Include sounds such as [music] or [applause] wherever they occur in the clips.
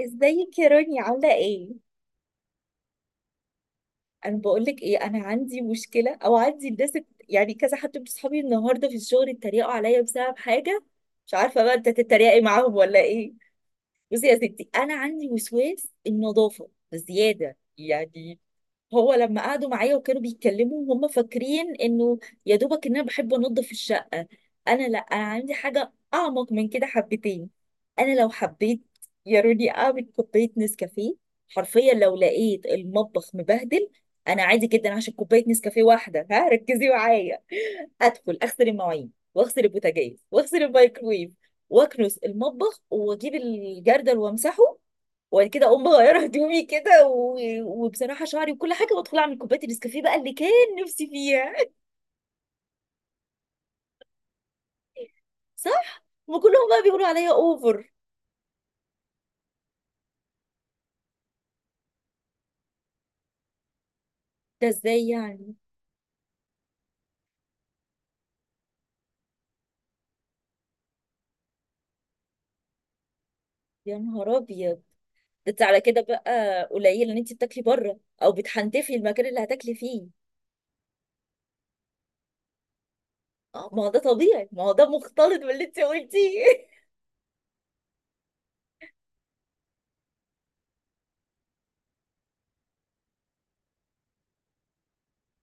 ازيك يا راني؟ عامله ايه؟ انا بقول لك ايه، انا عندي مشكله. او عندي الناس يعني كذا حد من صحابي النهارده في الشغل اتريقوا عليا بسبب حاجه. مش عارفه بقى انت تتريقي معاهم ولا ايه؟ بصي يا ستي، انا عندي وسواس النظافه زياده يعني. هو لما قعدوا معايا وكانوا بيتكلموا هم فاكرين انه يا دوبك ان انا بحب انضف الشقه. انا لا، انا عندي حاجه اعمق من كده حبتين. انا لو حبيت يا روني اعمل كوبايه نسكافيه، حرفيا لو لقيت المطبخ مبهدل، انا عادي جدا، عشان كوبايه نسكافيه واحده، ها ركزي معايا، ادخل اغسل المواعين واغسل البوتاجاز واغسل الميكرويف واكنس المطبخ واجيب الجردل وامسحه، وبعد كده اقوم مغيره هدومي كده و وبصراحه شعري وكل حاجه، وادخل اعمل كوبايه النسكافيه بقى اللي كان نفسي فيها. صح، وكلهم بقى بيقولوا عليا اوفر. ده ازاي يعني؟ يا نهار ابيض، ده انت على كده بقى قليل ان انت بتاكلي بره او بتحنتفي المكان اللي هتاكلي فيه. اه، ما هو ده طبيعي، ما هو ده مختلط باللي انت قلتيه.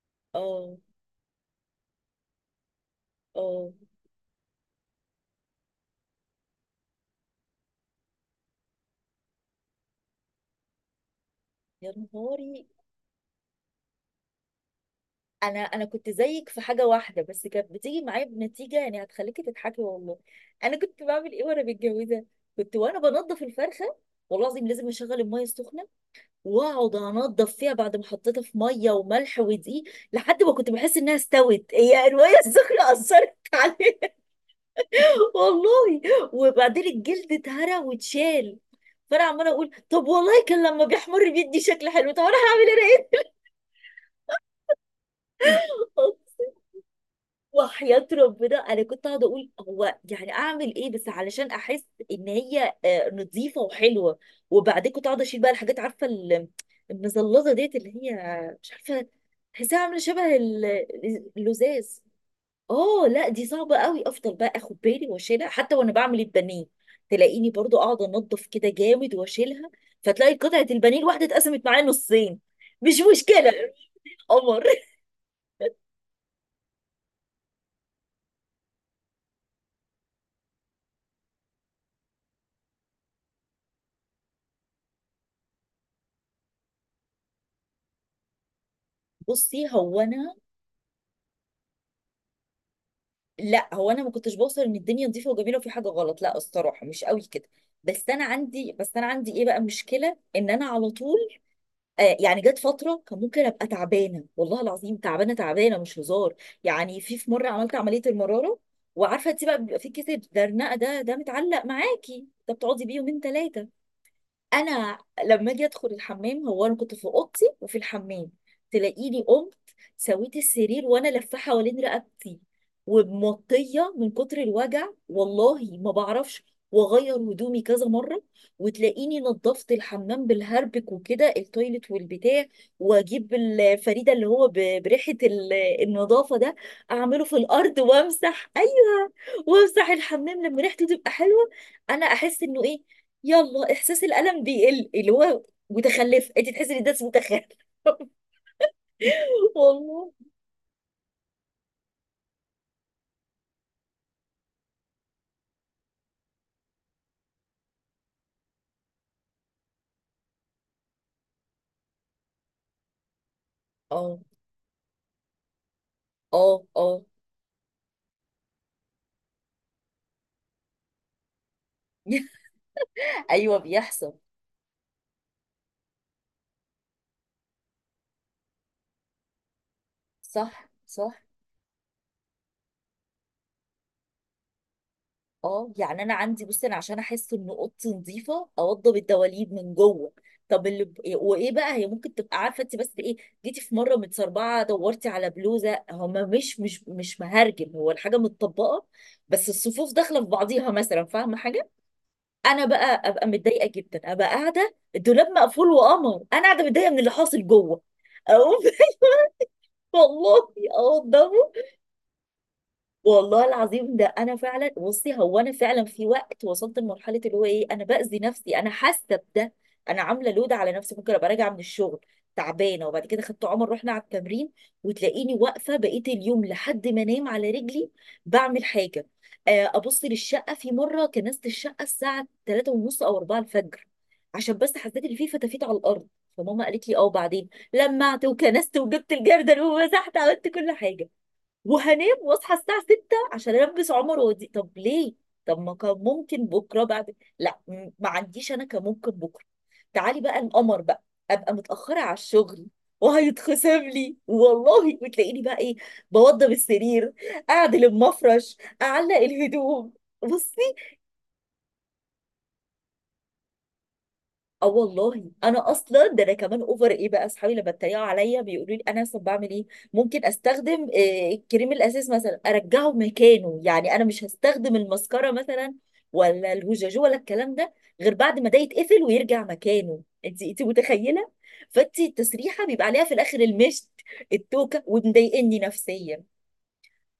[laughs] اه. اه. يا نهاري، انا انا كنت زيك في حاجه واحده بس، كانت بتيجي معايا بنتيجه يعني، هتخليكي تضحكي والله. انا كنت بعمل ايه وانا متجوزه؟ كنت وانا بنضف الفرخه والله العظيم لازم اشغل الميه السخنه واقعد انضف فيها بعد ما حطيتها في ميه وملح ودقيق، لحد ما كنت بحس انها استوت هي، الميه السخنه اثرت. [laughs] والله. وبعدين الجلد اتهرى واتشال، فانا عماله اقول طب والله كان لما بيحمر بيدي شكل حلو، طب انا هعمل انا ايه؟ وحياة ربنا انا كنت قاعده اقول هو يعني اعمل ايه بس علشان احس ان هي نظيفه وحلوه. وبعدين كنت قاعده اشيل بقى الحاجات، عارفه المزلظه ديت، اللي هي مش عارفه تحسها عامله شبه اللزاز. اه، لا دي صعبه قوي، افضل بقى اخد بالي واشيلها حتى وانا بعمل البانيه، تلاقيني برضو قاعده انضف كده جامد واشيلها، فتلاقي قطعه البانيه الواحده اتقسمت معايا نصين. مش مشكله. قمر. [laughs] بصي هو انا، لا هو انا ما كنتش بوصل ان الدنيا نظيفه وجميله وفي حاجه غلط، لا الصراحه مش قوي كده. بس انا عندي ايه بقى، مشكله ان انا على طول يعني. جت فتره كان ممكن ابقى تعبانه، والله العظيم تعبانه تعبانه مش هزار. يعني في مره عملت عمليه المراره، وعارفه انت بقى بيبقى في كتب درنقه، ده متعلق معاكي ده، بتقعدي بيه يومين ثلاثه. انا لما اجي ادخل الحمام، هو انا كنت في اوضتي وفي الحمام، تلاقيني قمت سويت السرير وانا لفه حوالين رقبتي ومطيه من كتر الوجع والله ما بعرفش، واغير هدومي كذا مره، وتلاقيني نظفت الحمام بالهربك وكده، التويلت والبتاع، واجيب الفريده اللي هو بريحه النظافه ده، اعمله في الارض وامسح، ايوه، وامسح الحمام لما ريحته تبقى حلوه. انا احس انه ايه، يلا احساس الالم بيقل، اللي هو متخلف، انت تحسي ان ده اسمه متخلف. [laughs] والله. اه. اه. اه. [laughs] ايوه بيحصل. صح صح. اه يعني انا عندي، بصي انا عشان احس ان اوضتي نظيفه اوضب الدواليب من جوه. طب اللي وايه بقى، هي ممكن تبقى عارفه انت بس ايه، جيتي في مره متسربعه دورتي على بلوزه، هما مش مهرجم، هو الحاجه متطبقه، بس الصفوف داخله في بعضيها مثلا، فاهمه حاجه؟ انا بقى ابقى متضايقه جدا، ابقى قاعده الدولاب مقفول وقمر، انا قاعده متضايقه من اللي حاصل جوه، اقوم، [laughs] والله اقوم. والله العظيم ده انا فعلا، بصي هو انا فعلا في وقت وصلت لمرحله اللي هو ايه، انا باذي نفسي، انا حاسه بده، انا عامله لود على نفسي. ممكن ابقى راجعه من الشغل تعبانه، وبعد كده خدت عمر رحنا على التمرين، وتلاقيني واقفه بقيت اليوم لحد ما انام على رجلي بعمل حاجه. ابص للشقه، في مره كنست الشقه الساعه 3 ونص او 4 الفجر، عشان بس حسيت ان في فتافيت على الارض، فماما قالت لي اه وبعدين لمعت وكنست وجبت الجردل ومسحت، عملت كل حاجه، وهنام واصحى الساعة 6 عشان البس عمر ودي، طب ليه؟ طب ما كان ممكن بكرة بعد، لا ما عنديش انا، كان ممكن بكرة. تعالي بقى القمر بقى، ابقى متأخرة على الشغل وهيتخصم لي والله، وتلاقيني بقى ايه، بوضب السرير، اعدل المفرش، اعلق الهدوم. بصي، اه والله انا اصلا، ده انا كمان اوفر ايه بقى، اصحابي لما اتريقوا عليا بيقولوا لي انا اصلا بعمل ايه، ممكن استخدم الكريم الاساس مثلا ارجعه مكانه، يعني انا مش هستخدم المسكره مثلا ولا الهجاجو ولا الكلام ده غير بعد ما ده يتقفل ويرجع مكانه. انت متخيله، فانت التسريحه بيبقى عليها في الاخر المشت، التوكه، ومضايقني نفسيا،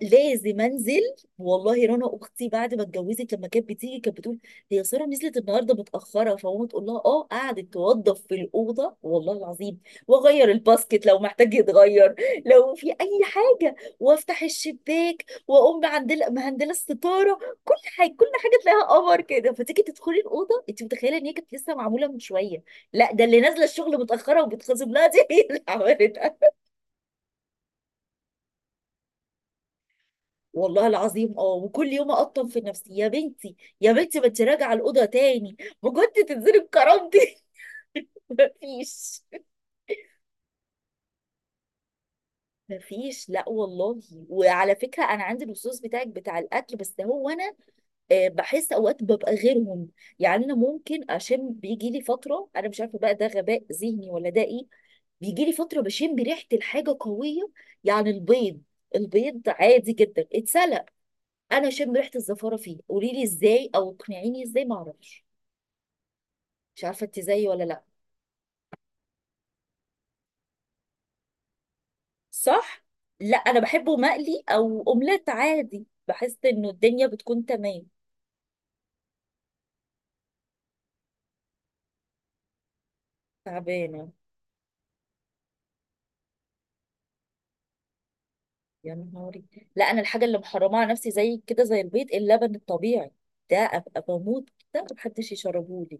لازم انزل. والله رنا اختي بعد ما اتجوزت لما كانت بتيجي كانت بتقول، هي ساره نزلت النهارده متاخره، فماما تقول لها اه قعدت توضب في الاوضه، والله العظيم واغير الباسكت لو محتاج يتغير، لو في اي حاجه، وافتح الشباك واقوم معندله مهندله الستاره، كل حاجه، كل حاجه تلاقيها قمر كده، فتيجي تدخلي الاوضه انت متخيله ان هي كانت لسه معموله من شويه، لا ده اللي نازله الشغل متاخره وبتخصم لها دي [laughs] هي اللي عملت. والله العظيم اه، وكل يوم اقطم في نفسي، يا بنتي يا بنتي ما انت راجعه الاوضه تاني بجد، تنزلي بكرامتي؟ [laughs] مفيش. مفيش لا والله. وعلى فكره انا عندي الوصوص بتاعك بتاع الاكل، بس هو انا بحس اوقات ببقى غيرهم. يعني انا ممكن اشم، بيجي لي فتره انا مش عارفه بقى ده غباء ذهني ولا ده ايه، بيجي لي فتره بشم ريحه الحاجه قويه، يعني البيض، البيض عادي جدا اتسلق، انا شم ريحه الزفاره فيه، قولي لي ازاي او اقنعيني ازاي، ما اعرفش مش عارفة انت زيي ولا لا. صح. لا انا بحبه مقلي او اومليت عادي، بحس انه الدنيا بتكون تمام. تعبانه. يا نهاري. لا انا الحاجه اللي محرمه على نفسي زي كده زي البيض، اللبن الطبيعي ده، ابقى بموت كده، محدش يشربه لي.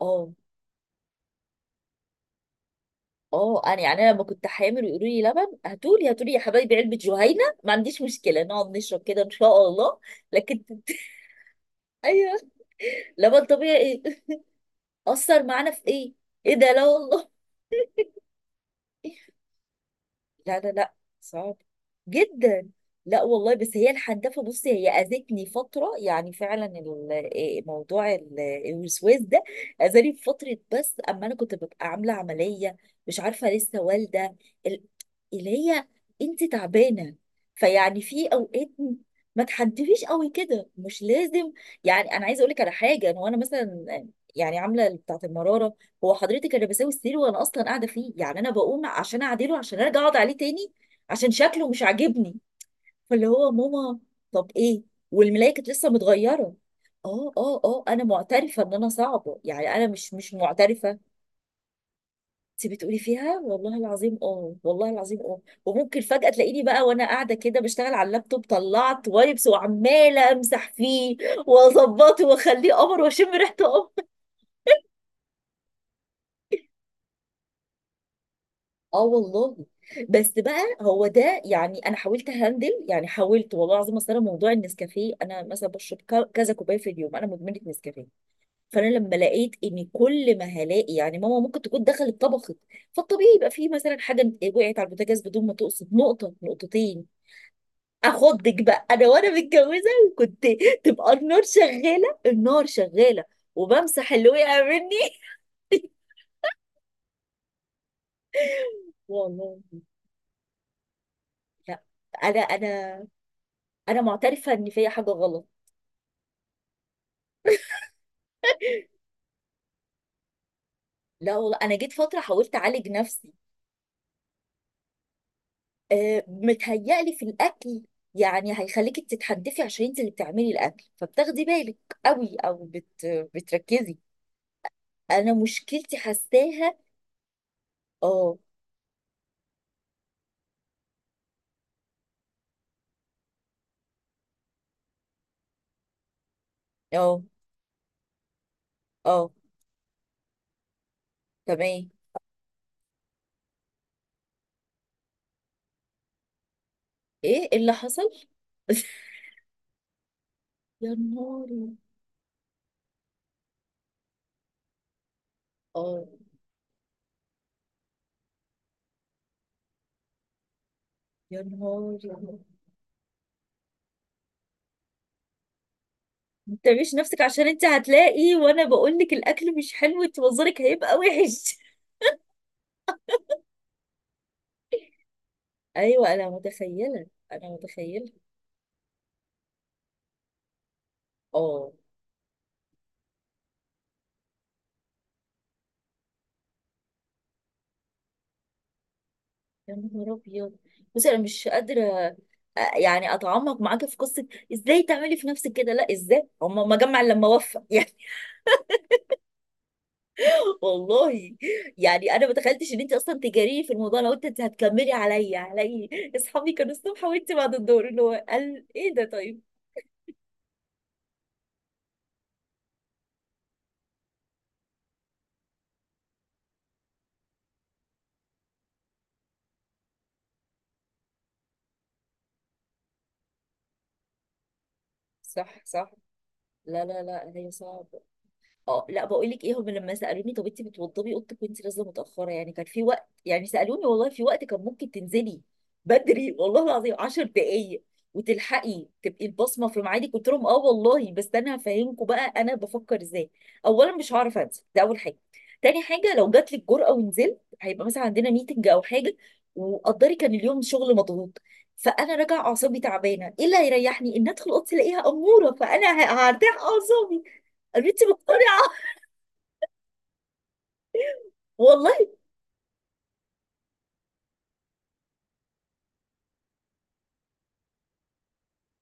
اه. اه انا يعني، انا لما كنت حامل ويقولوا لي لبن، هاتولي هاتولي يا حبايبي علبه جهينه ما عنديش مشكله نقعد نشرب كده ان شاء الله. لكن [laughs] ايوه. لبن طبيعي ايه اثر معانا في ايه، ايه ده؟ لا والله. لا لا لا. صعب جدا. لا والله، بس هي الحنتفه، بصي هي اذتني فتره يعني فعلا ال- إيه موضوع الوسواس ده اذاني في فتره، بس اما انا كنت ببقى عامله عمليه، مش عارفه لسه والده ال- اللي هي انت تعبانه، فيعني في اوقات ما تحنتفيش قوي كده، مش لازم. يعني انا عايزه اقول لك على حاجه، انا وانا مثلا يعني عامله بتاعه المراره، هو حضرتك انا بساوي السرير وانا اصلا قاعده فيه، يعني انا بقوم عشان اعدله عشان ارجع اقعد عليه تاني، عشان شكله مش عاجبني. فاللي هو ماما طب ايه، والملايه كانت لسه متغيره. اه اه اه، انا معترفه ان انا صعبه، يعني انا مش مش معترفه. انت بتقولي فيها، والله العظيم اه، والله العظيم اه، وممكن فجاه تلاقيني بقى وانا قاعده كده بشتغل على اللابتوب طلعت وايبس، وعماله امسح فيه واظبطه واخليه قمر واشم ريحته قمر. اه والله. بس بقى، هو ده يعني انا حاولت هندل، يعني حاولت والله العظيم، اصل انا موضوع النسكافيه انا مثلا بشرب كذا كوبايه في اليوم، انا مدمنه نسكافيه، فانا لما لقيت ان كل ما هلاقي يعني ماما ممكن تكون دخلت طبخت، فالطبيعي يبقى فيه مثلا حاجه وقعت على البوتاجاز بدون ما تقصد، نقطه نقطتين، اخضك بقى انا وانا متجوزه وكنت، تبقى النار شغاله، النار شغاله، وبمسح اللي وقع مني. [laughs] والله. لا انا انا انا معترفه ان فيا حاجه غلط. لا والله، انا جيت فتره حاولت اعالج نفسي. أه متهيألي في الاكل، يعني هيخليكي تتحدفي عشان انت اللي بتعملي الاكل، فبتاخدي بالك قوي او بتركزي، انا مشكلتي حساها. اه. اه. اه. تمام. ايه اللي حصل؟ [laughs] يا نهاري. اه. يا نهاري. ما تعمليش نفسك، عشان انت هتلاقي وانا بقول لك الاكل مش حلو انت، منظرك هيبقى وحش. [laughs] ايوه انا متخيله، انا متخيله. اه. يا نهار ابيض، بصي انا مش قادره يعني اتعمق معاكي في قصه، ازاي تعملي في نفسك كده؟ لا ازاي، هم ما جمع إلا لما وفى [laughs] يعني والله. يعني انا ما تخيلتش ان انت اصلا تجاريه في الموضوع، لو انت هتكملي عليا علي، اصحابي كانوا الصبح وانت بعد الظهر، اللي هو قال ايه ده طيب. صح صح. لا لا لا، هي صعبه. اه، لا بقول لك ايه، هم لما سالوني طب انت بتوضبي اوضتك وانت نازله متاخره، يعني كان في وقت يعني سالوني والله، في وقت كان ممكن تنزلي بدري والله العظيم 10 دقائق، وتلحقي تبقي البصمه في ميعادك. قلت لهم اه والله، بس انا هفهمكم بقى انا بفكر ازاي. اولا مش هعرف انزل، ده اول حاجه. تاني حاجه لو جات لك جرأه ونزلت، هيبقى مثلا عندنا ميتنج او حاجه، وقدري كان اليوم شغل مضغوط، فانا راجع اعصابي تعبانه، ايه اللي هيريحني، ان ادخل اوضتي الاقيها اموره فانا هرتاح اعصابي. قالوا لي انت مقتنعه والله؟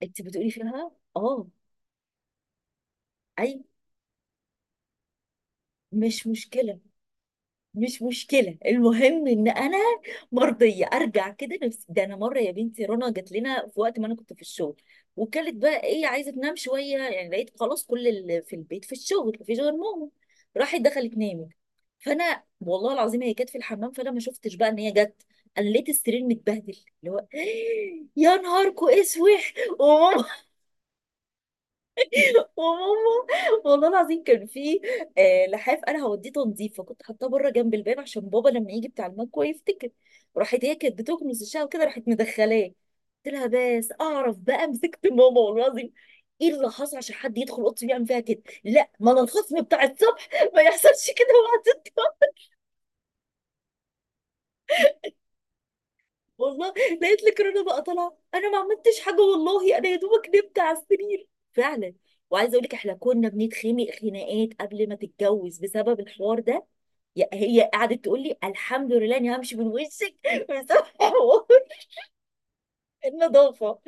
انت بتقولي فيها. اه. اي، مش مشكله، مش مشكله، المهم ان انا مرضيه، ارجع كده نفسي. ده انا مره يا بنتي رنا جات لنا في وقت ما انا كنت في الشغل، وكانت بقى ايه عايزه تنام شويه يعني، لقيت خلاص كل اللي في البيت في الشغل مفيش غير ماما، راحت دخلت نامت. فانا والله العظيم هي كانت في الحمام فانا ما شفتش بقى ان هي جت، انا لقيت السرير متبهدل، اللي هو [gasps] يا نهاركو اسود. وماما، وماما، والله العظيم كان في لحاف انا هوديه تنظيف، فكنت حاطاه بره جنب الباب عشان بابا لما يجي بتاع المكوى يفتكر. راحت هي كانت بتكنس الشقه وكده، راحت مدخلاه. قلت لها بس اعرف بقى، مسكت ماما والله العظيم. ايه اللي حصل عشان حد يدخل اوضتي ويعمل فيها كده؟ لا ما انا الخصم بتاع الصبح، ما يحصلش كده وقت. والله لقيت لك رنا بقى طالعه، انا ما عملتش حاجه والله، انا يا دوبك نمت على السرير فعلا. وعايزه اقول لك احنا كنا بنتخانق خناقات قبل ما تتجوز بسبب الحوار ده. هي قعدت تقول لي الحمد لله اني همشي من وشك. [laughs] بسبب حوار النظافه.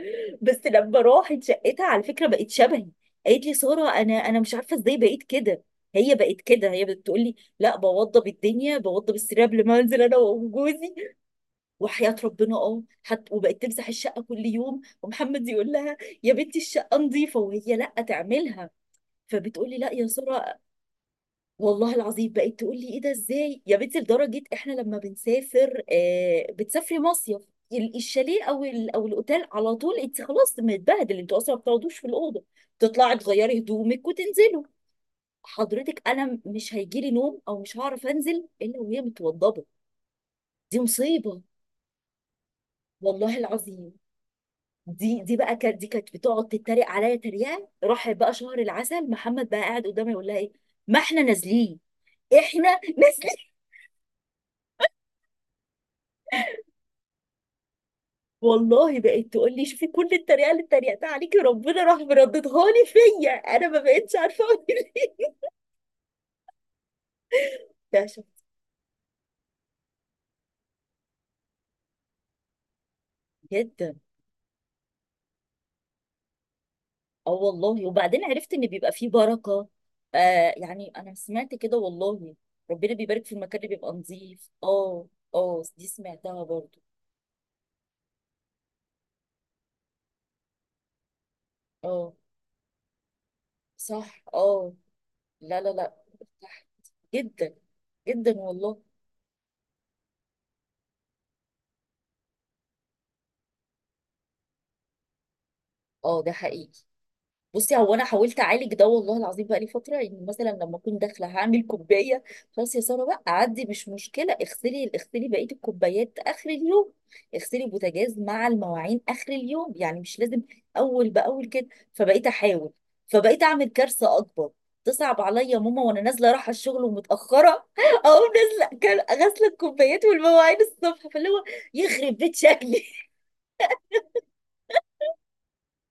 بس لما راحت شقتها على فكره بقت شبهي. قالت لي ساره، انا مش عارفه ازاي بقيت كده. هي بقت كده، هي بتقول لي لا، بوضب الدنيا، بوضب السرير قبل ما انزل انا وجوزي. وحياة ربنا اه، حتى وبقت تمسح الشقة كل يوم، ومحمد يقول لها يا بنتي الشقة نظيفة، وهي لا تعملها. فبتقولي لا يا سارة. والله العظيم بقت تقول لي ايه ده؟ ازاي يا بنتي؟ لدرجة احنا لما بنسافر آه بتسافري مصيف، الشاليه او الاوتيل، على طول انت خلاص متبهدل، انتوا اصلا ما بتقعدوش في الاوضه، تطلعي تغيري هدومك وتنزلوا. حضرتك انا مش هيجيلي نوم او مش هعرف انزل الا وهي متوضبه. دي مصيبه. والله العظيم دي بقى كانت، دي كانت بتقعد تتريق عليا تريقه راح بقى شهر العسل، محمد بقى قاعد قدامي يقول لها ايه، ما احنا نازلين، احنا نازلين. والله بقت تقول لي شوفي كل التريقه اللي اتريقتها عليكي ربنا راح مرددها لي فيا، انا ما بقتش عارفه اقول ايه. [laughs] ده شخص جدا. اه والله، وبعدين عرفت ان بيبقى فيه بركه. آه يعني انا سمعت كده والله، ربنا بيبارك في المكان اللي بيبقى نظيف. اه. اه دي سمعتها برضو. اه صح. اه لا لا لا، ارتحت جدا، جدا والله. اه ده حقيقي. بصي هو انا حاولت اعالج ده والله العظيم بقى لي فتره، يعني مثلا لما اكون داخله هعمل كوبايه، خلاص يا ساره بقى عدي مش مشكله، اغسلي اغسلي بقيه الكوبايات اخر اليوم، اغسلي البوتاجاز مع المواعين اخر اليوم، يعني مش لازم اول باول كده. فبقيت احاول، فبقيت اعمل كارثه اكبر، تصعب عليا ماما وانا نازله رايحه الشغل ومتاخره. [laughs] اقوم نازله غاسله الكوبايات والمواعين الصبح، فاللي هو يخرب بيت شكلي.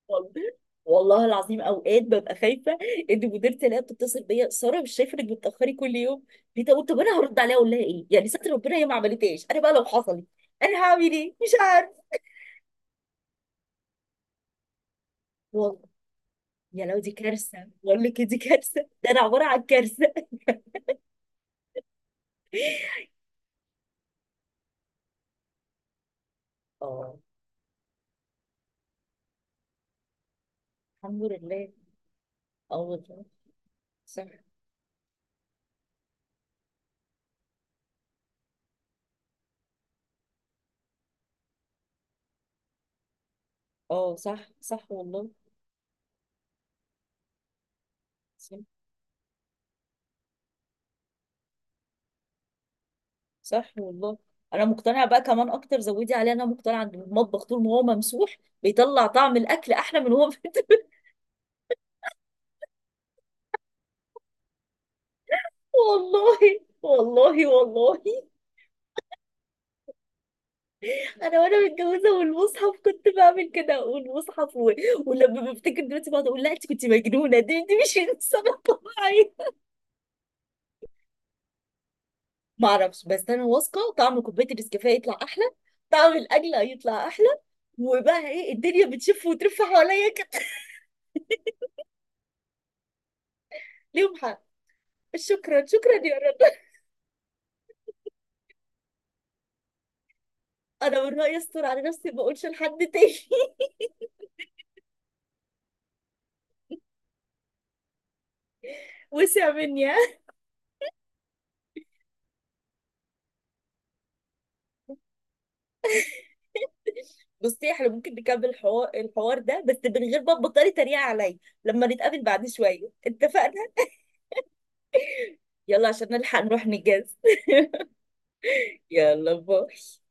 والله، والله العظيم اوقات ببقى خايفه ان مديرتي الاقيها بتتصل بيا، ساره مش شايفه انك بتاخري كل يوم ليه؟ طب انا هرد عليها اقول لها ايه؟ يعني ستر ربنا هي ما عملتهاش، انا بقى لو حصلت انا هعمل ايه؟ مش عارف. والله يا لو دي كارثه، بقول لك إيه، دي كارثه، ده انا عباره عن كارثه. اه الحمد لله. اه والله، صح. اه صح صح والله، صح، صح والله. انا مقتنعه بقى كمان اكتر، زودي عليها، انا مقتنعه ان المطبخ طول ما هو ممسوح بيطلع طعم الاكل احلى من هو. [laughs] والله والله والله، انا وانا متجوزه والمصحف كنت بعمل كده، والمصحف و... ولما بفتكر دلوقتي بقعد اقول لا انت كنت مجنونه، دي مش انسانه طبيعيه. ما اعرفش، بس انا واثقه طعم كوبايه النسكافيه يطلع احلى، طعم الاكل يطلع احلى، وبقى ايه الدنيا بتشف وترف حواليا كده. ليهم حق. شكرا شكرا يا رب. انا من رايي استر على نفسي ما اقولش لحد تاني. [laughs] وسع مني. بصي احنا ممكن نكمل الحوار ده بس من غير ما تبطلي تريقة عليا. لما نتقابل بعد شوية، اتفقنا؟ يلا عشان نلحق نروح نجهز. [laughs] يلا باي.